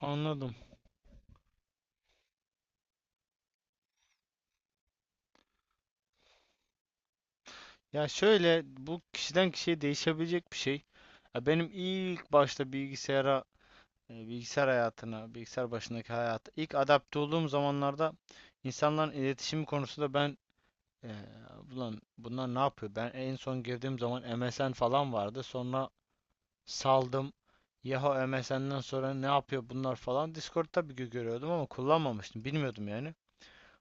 Anladım. Ya şöyle, bu kişiden kişiye değişebilecek bir şey. Ya benim ilk başta bilgisayara, bilgisayar hayatına, bilgisayar başındaki hayata ilk adapte olduğum zamanlarda insanların iletişimi konusunda e, ulan bunlar ne yapıyor? Ben en son girdiğim zaman MSN falan vardı. Sonra saldım. Yahoo MSN'den sonra ne yapıyor bunlar falan. Discord tabii ki görüyordum ama kullanmamıştım. Bilmiyordum yani.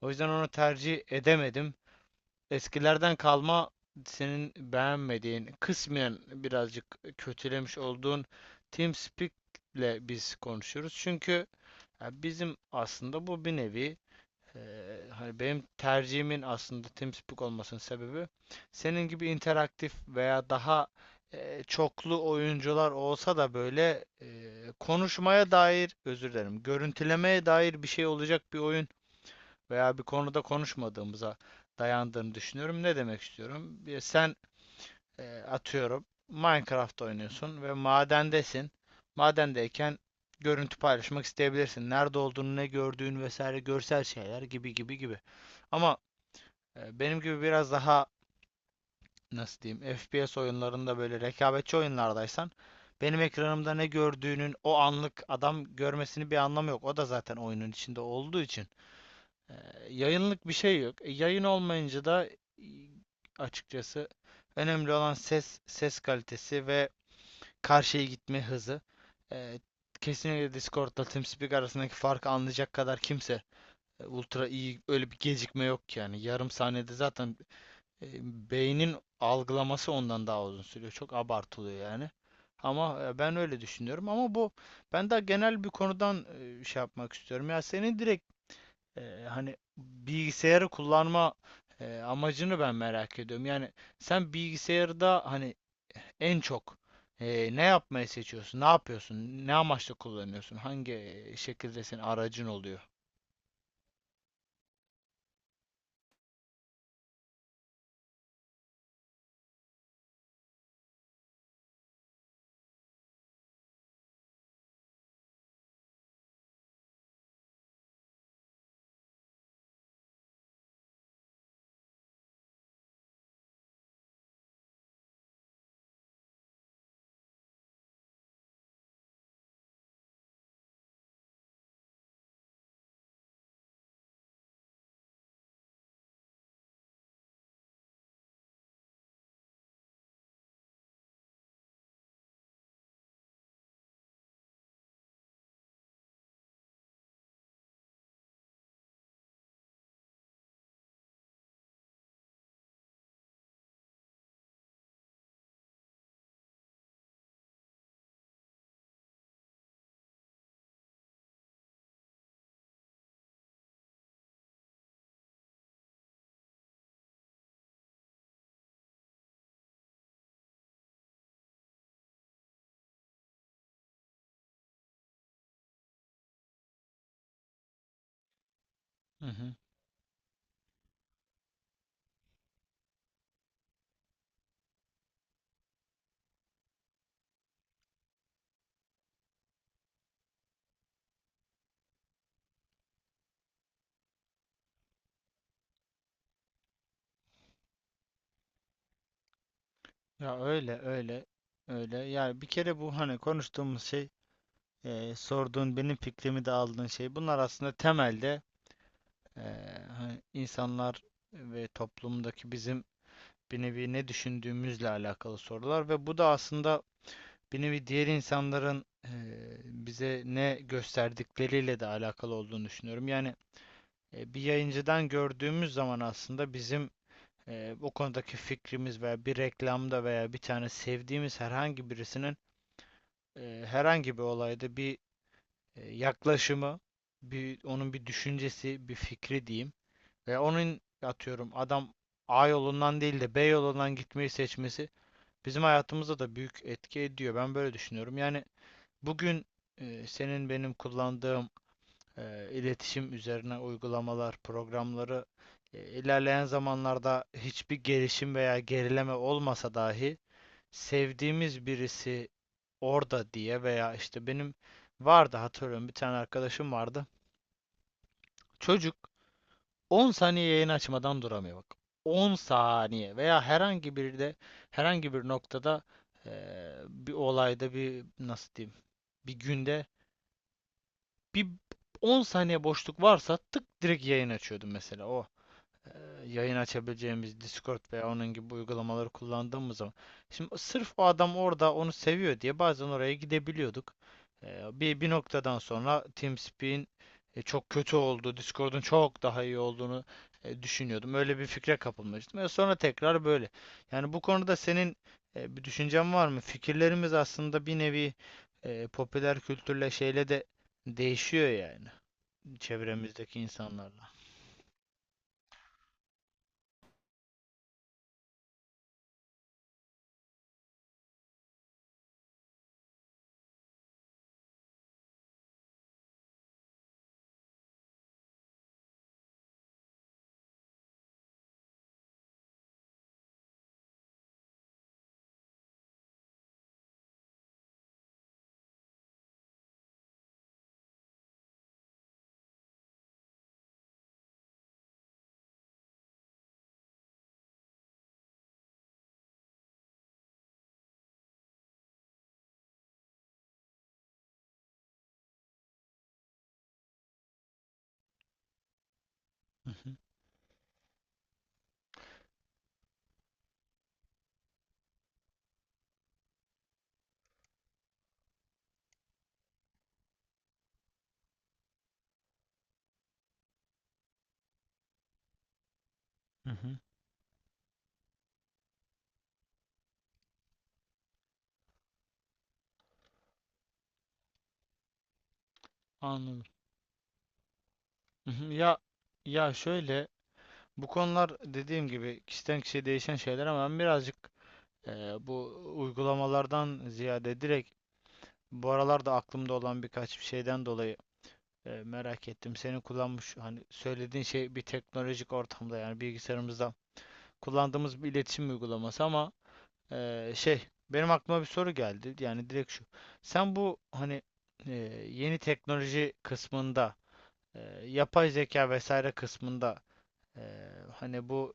O yüzden onu tercih edemedim. Eskilerden kalma senin beğenmediğin, kısmen birazcık kötülemiş olduğun TeamSpeak'le biz konuşuyoruz. Çünkü ya bizim aslında bu bir nevi hani benim tercihimin aslında TeamSpeak olmasının sebebi, senin gibi interaktif veya daha çoklu oyuncular olsa da böyle konuşmaya dair, özür dilerim, görüntülemeye dair bir şey olacak bir oyun veya bir konuda konuşmadığımıza dayandığını düşünüyorum. Ne demek istiyorum? Sen atıyorum Minecraft oynuyorsun ve madendesin. Madendeyken görüntü paylaşmak isteyebilirsin. Nerede olduğunu, ne gördüğün vesaire, görsel şeyler gibi gibi gibi. Ama benim gibi biraz daha, nasıl diyeyim, FPS oyunlarında böyle rekabetçi oyunlardaysan benim ekranımda ne gördüğünün o anlık adam görmesini bir anlamı yok. O da zaten oyunun içinde olduğu için. Ee, Yayınlık bir şey yok. Yayın olmayınca da, açıkçası, önemli olan ses kalitesi ve karşıya gitme hızı. Ee, Kesinlikle Discord'la TeamSpeak arasındaki farkı anlayacak kadar kimse ultra iyi, öyle bir gecikme yok ki yani. Yarım saniyede zaten e, beynin algılaması ondan daha uzun sürüyor. Çok abartılıyor yani. Ama ben öyle düşünüyorum. Ama bu, ben daha genel bir konudan şey yapmak istiyorum. Ya senin direkt hani bilgisayarı kullanma amacını ben merak ediyorum. Yani sen bilgisayarda hani en çok ne yapmayı seçiyorsun? Ne yapıyorsun? Ne amaçla kullanıyorsun? Hangi şekilde senin aracın oluyor? Hı hı. Ya öyle. Yani bir kere bu hani konuştuğumuz şey, sorduğun benim fikrimi de aldığın şey. Bunlar aslında temelde, e, hani, insanlar ve toplumdaki bizim bir nevi ne düşündüğümüzle alakalı sorular ve bu da aslında bir nevi diğer insanların bize ne gösterdikleriyle de alakalı olduğunu düşünüyorum. Yani bir yayıncıdan gördüğümüz zaman aslında bizim o konudaki fikrimiz veya bir reklamda veya bir tane sevdiğimiz herhangi birisinin herhangi bir olayda bir yaklaşımı, bir onun bir düşüncesi, bir fikri diyeyim ve onun, atıyorum, adam A yolundan değil de B yolundan gitmeyi seçmesi bizim hayatımıza da büyük etki ediyor. Ben böyle düşünüyorum. Yani bugün senin, benim kullandığım iletişim üzerine uygulamalar, programları ilerleyen zamanlarda hiçbir gelişim veya gerileme olmasa dahi, sevdiğimiz birisi orada diye veya işte benim vardı, hatırlıyorum bir tane arkadaşım vardı. Çocuk 10 saniye yayın açmadan duramıyor bak. 10 saniye veya herhangi bir de herhangi bir noktada, e, bir olayda bir, nasıl diyeyim, bir günde bir 10 saniye boşluk varsa tık direkt yayın açıyordum mesela, o e, yayın açabileceğimiz Discord veya onun gibi uygulamaları kullandığımız zaman. Şimdi sırf o adam orada onu seviyor diye bazen oraya gidebiliyorduk. Bir noktadan sonra TeamSpeak'in çok kötü olduğu, Discord'un çok daha iyi olduğunu düşünüyordum. Öyle bir fikre kapılmıştım. E, sonra tekrar böyle. Yani bu konuda senin bir düşüncen var mı? Fikirlerimiz aslında bir nevi popüler kültürle, şeyle de değişiyor yani, çevremizdeki insanlarla. Hı hı, hı hı. Anladım. Hı hı. Ya, ya şöyle, bu konular dediğim gibi kişiden kişiye değişen şeyler ama ben birazcık, e, bu uygulamalardan ziyade direkt bu aralarda aklımda olan birkaç bir şeyden dolayı merak ettim. Senin kullanmış, hani söylediğin şey bir teknolojik ortamda yani bilgisayarımızda kullandığımız bir iletişim uygulaması ama şey, benim aklıma bir soru geldi. Yani direkt şu. Sen bu hani e, yeni teknoloji kısmında, e, yapay zeka vesaire kısmında, hani bu,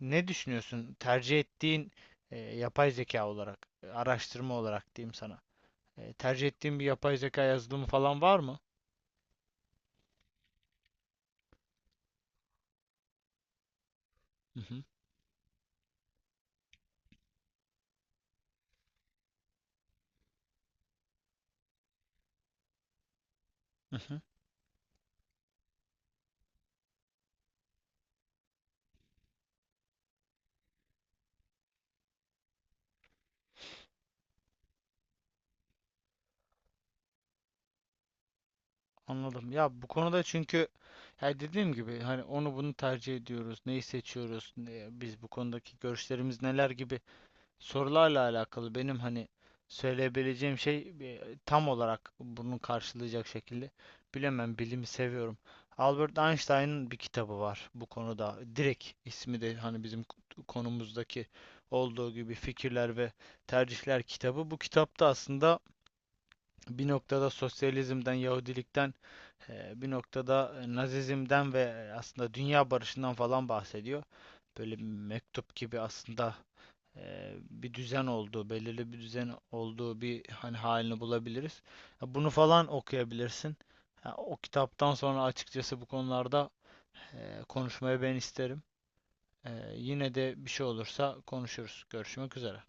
ne düşünüyorsun? Tercih ettiğin yapay zeka olarak, araştırma olarak diyeyim sana. E, tercih ettiğin bir yapay zeka yazılımı falan var mı? Hı hı. Hı hı. Anladım. Ya bu konuda, çünkü, ya dediğim gibi, hani onu bunu tercih ediyoruz, neyi seçiyoruz, biz bu konudaki görüşlerimiz neler gibi sorularla alakalı benim hani söyleyebileceğim şey, tam olarak bunu karşılayacak şekilde bilemem, bilimi seviyorum. Albert Einstein'ın bir kitabı var bu konuda. Direkt ismi de hani bizim konumuzdaki olduğu gibi Fikirler ve Tercihler kitabı. Bu kitapta aslında bir noktada sosyalizmden, Yahudilikten, bir noktada Nazizmden ve aslında dünya barışından falan bahsediyor. Böyle mektup gibi aslında bir düzen olduğu, belirli bir düzen olduğu bir hani halini bulabiliriz. Bunu falan okuyabilirsin. O kitaptan sonra açıkçası bu konularda konuşmayı ben isterim. E, Yine de bir şey olursa konuşuruz. Görüşmek üzere.